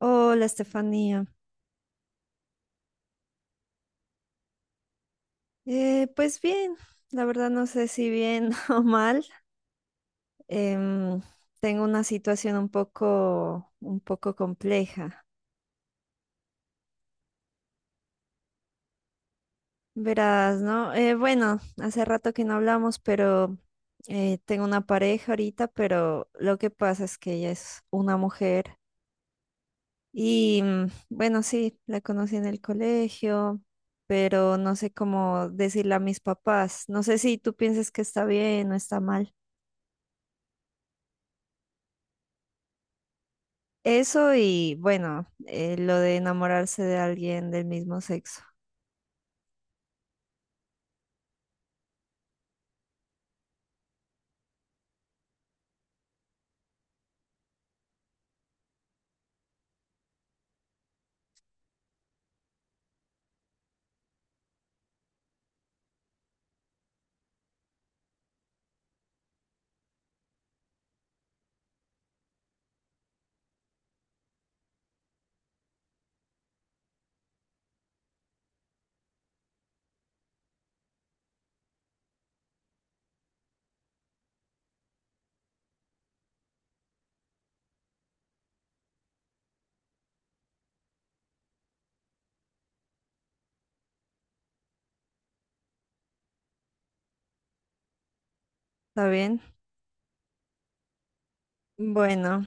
Hola, Estefanía. Pues bien, la verdad no sé si bien o mal. Em, Tengo una situación un poco compleja. Verás, ¿no? Bueno, hace rato que no hablamos, pero tengo una pareja ahorita, pero lo que pasa es que ella es una mujer y bueno, sí, la conocí en el colegio, pero no sé cómo decirle a mis papás. No sé si tú piensas que está bien o está mal. Eso y bueno, lo de enamorarse de alguien del mismo sexo, ¿está bien? Bueno,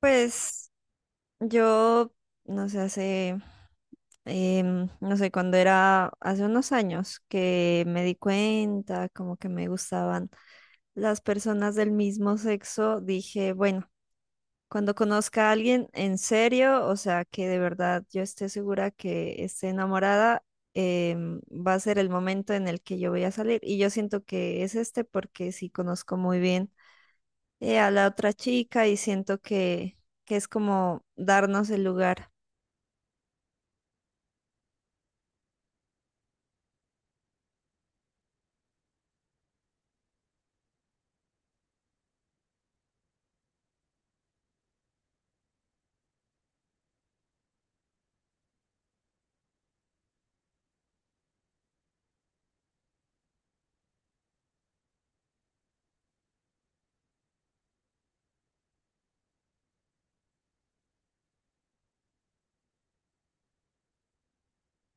pues yo, no sé, hace, no sé, cuando era hace unos años que me di cuenta como que me gustaban las personas del mismo sexo, dije, bueno. Cuando conozca a alguien en serio, o sea, que de verdad yo esté segura que esté enamorada, va a ser el momento en el que yo voy a salir. Y yo siento que es este porque sí conozco muy bien a la otra chica y siento que es como darnos el lugar.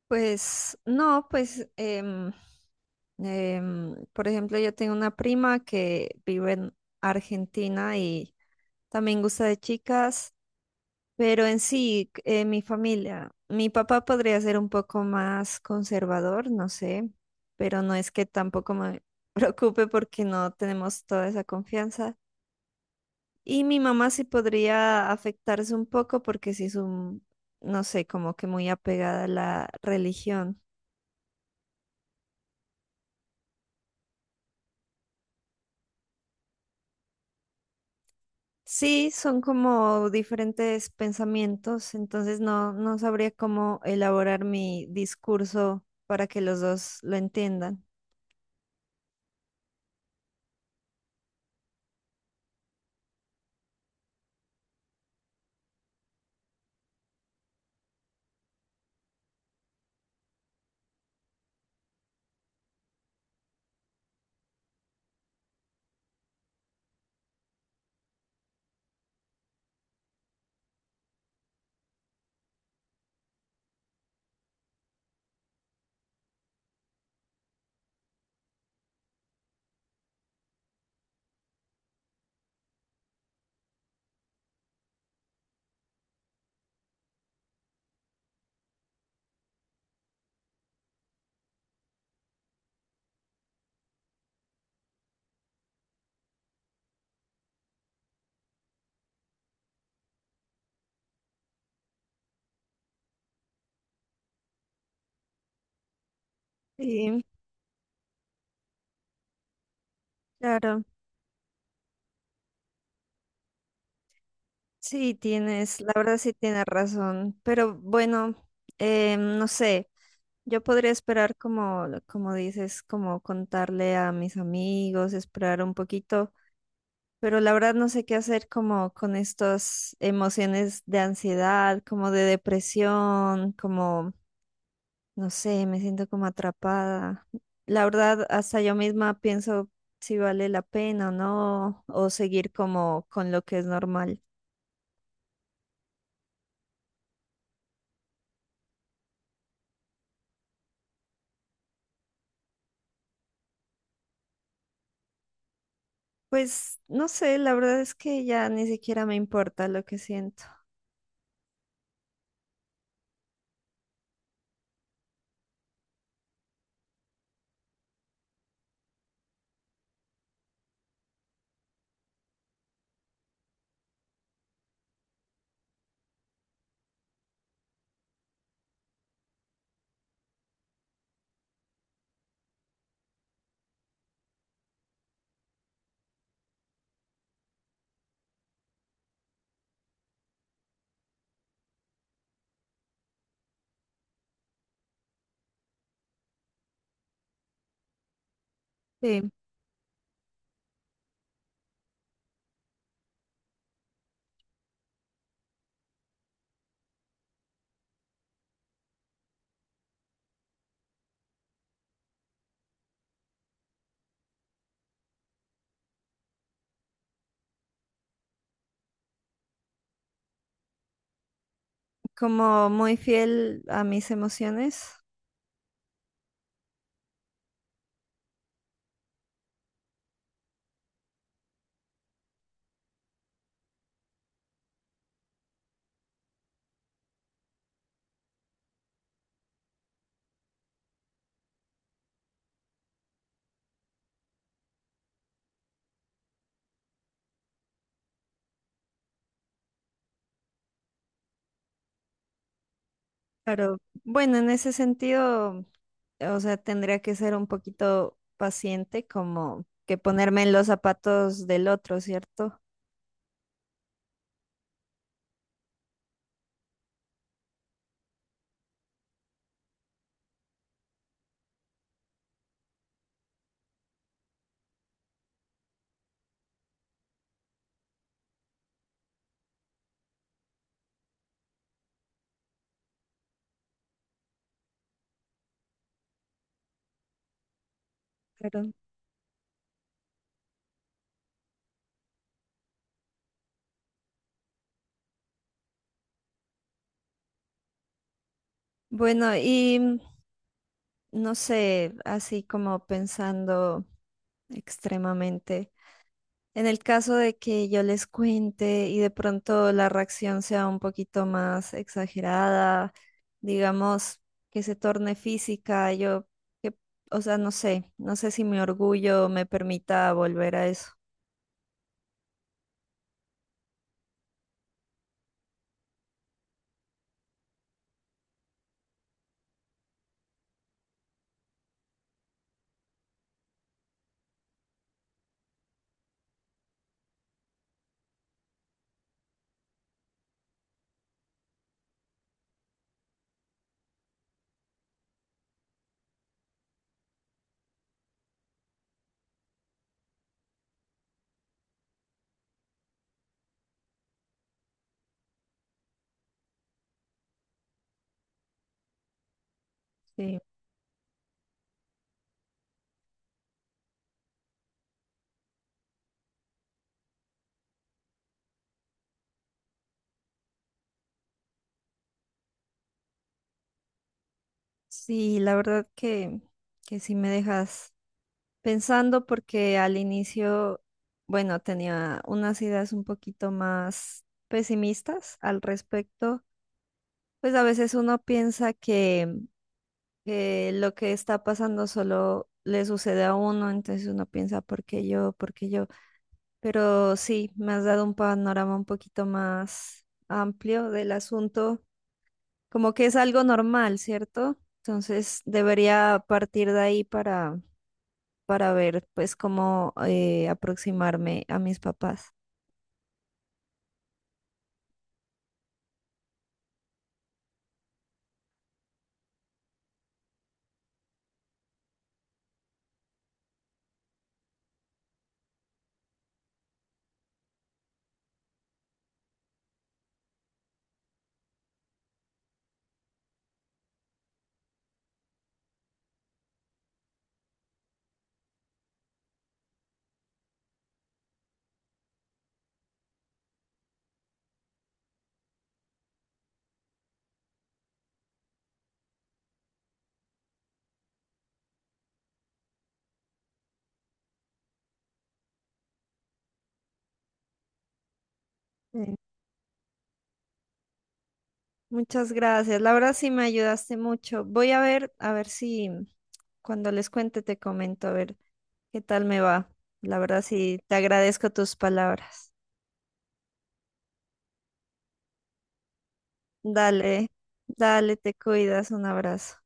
Pues no, pues, por ejemplo, yo tengo una prima que vive en Argentina y también gusta de chicas. Pero en sí, mi familia, mi papá podría ser un poco más conservador, no sé, pero no es que tampoco me preocupe porque no tenemos toda esa confianza. Y mi mamá sí podría afectarse un poco porque sí es un, no sé, como que muy apegada a la religión. Sí, son como diferentes pensamientos, entonces no, no sabría cómo elaborar mi discurso para que los dos lo entiendan. Sí, claro. Sí, tienes, la verdad sí tienes razón, pero bueno, no sé, yo podría esperar como, como dices, como contarle a mis amigos, esperar un poquito, pero la verdad no sé qué hacer como con estas emociones de ansiedad, como de depresión, como, no sé, me siento como atrapada. La verdad, hasta yo misma pienso si vale la pena o no, o seguir como con lo que es normal. Pues no sé, la verdad es que ya ni siquiera me importa lo que siento. Sí. Como muy fiel a mis emociones, pero bueno, en ese sentido, o sea, tendría que ser un poquito paciente, como que ponerme en los zapatos del otro, ¿cierto? Pero bueno, y no sé, así como pensando extremadamente. En el caso de que yo les cuente y de pronto la reacción sea un poquito más exagerada, digamos que se torne física, yo, que, o sea, no sé, no sé si mi orgullo me permita volver a eso. Sí, sí, la verdad que sí me dejas pensando porque al inicio, bueno, tenía unas ideas un poquito más pesimistas al respecto. Pues a veces uno piensa que lo que está pasando solo le sucede a uno, entonces uno piensa, ¿por qué yo? ¿Por qué yo? Pero sí, me has dado un panorama un poquito más amplio del asunto, como que es algo normal, ¿cierto? Entonces debería partir de ahí para ver pues cómo aproximarme a mis papás. Sí. Muchas gracias, la verdad sí me ayudaste mucho. Voy a ver si... Cuando les cuente, te comento a ver qué tal me va. La verdad, sí, te agradezco tus palabras. Dale, dale, te cuidas. Un abrazo.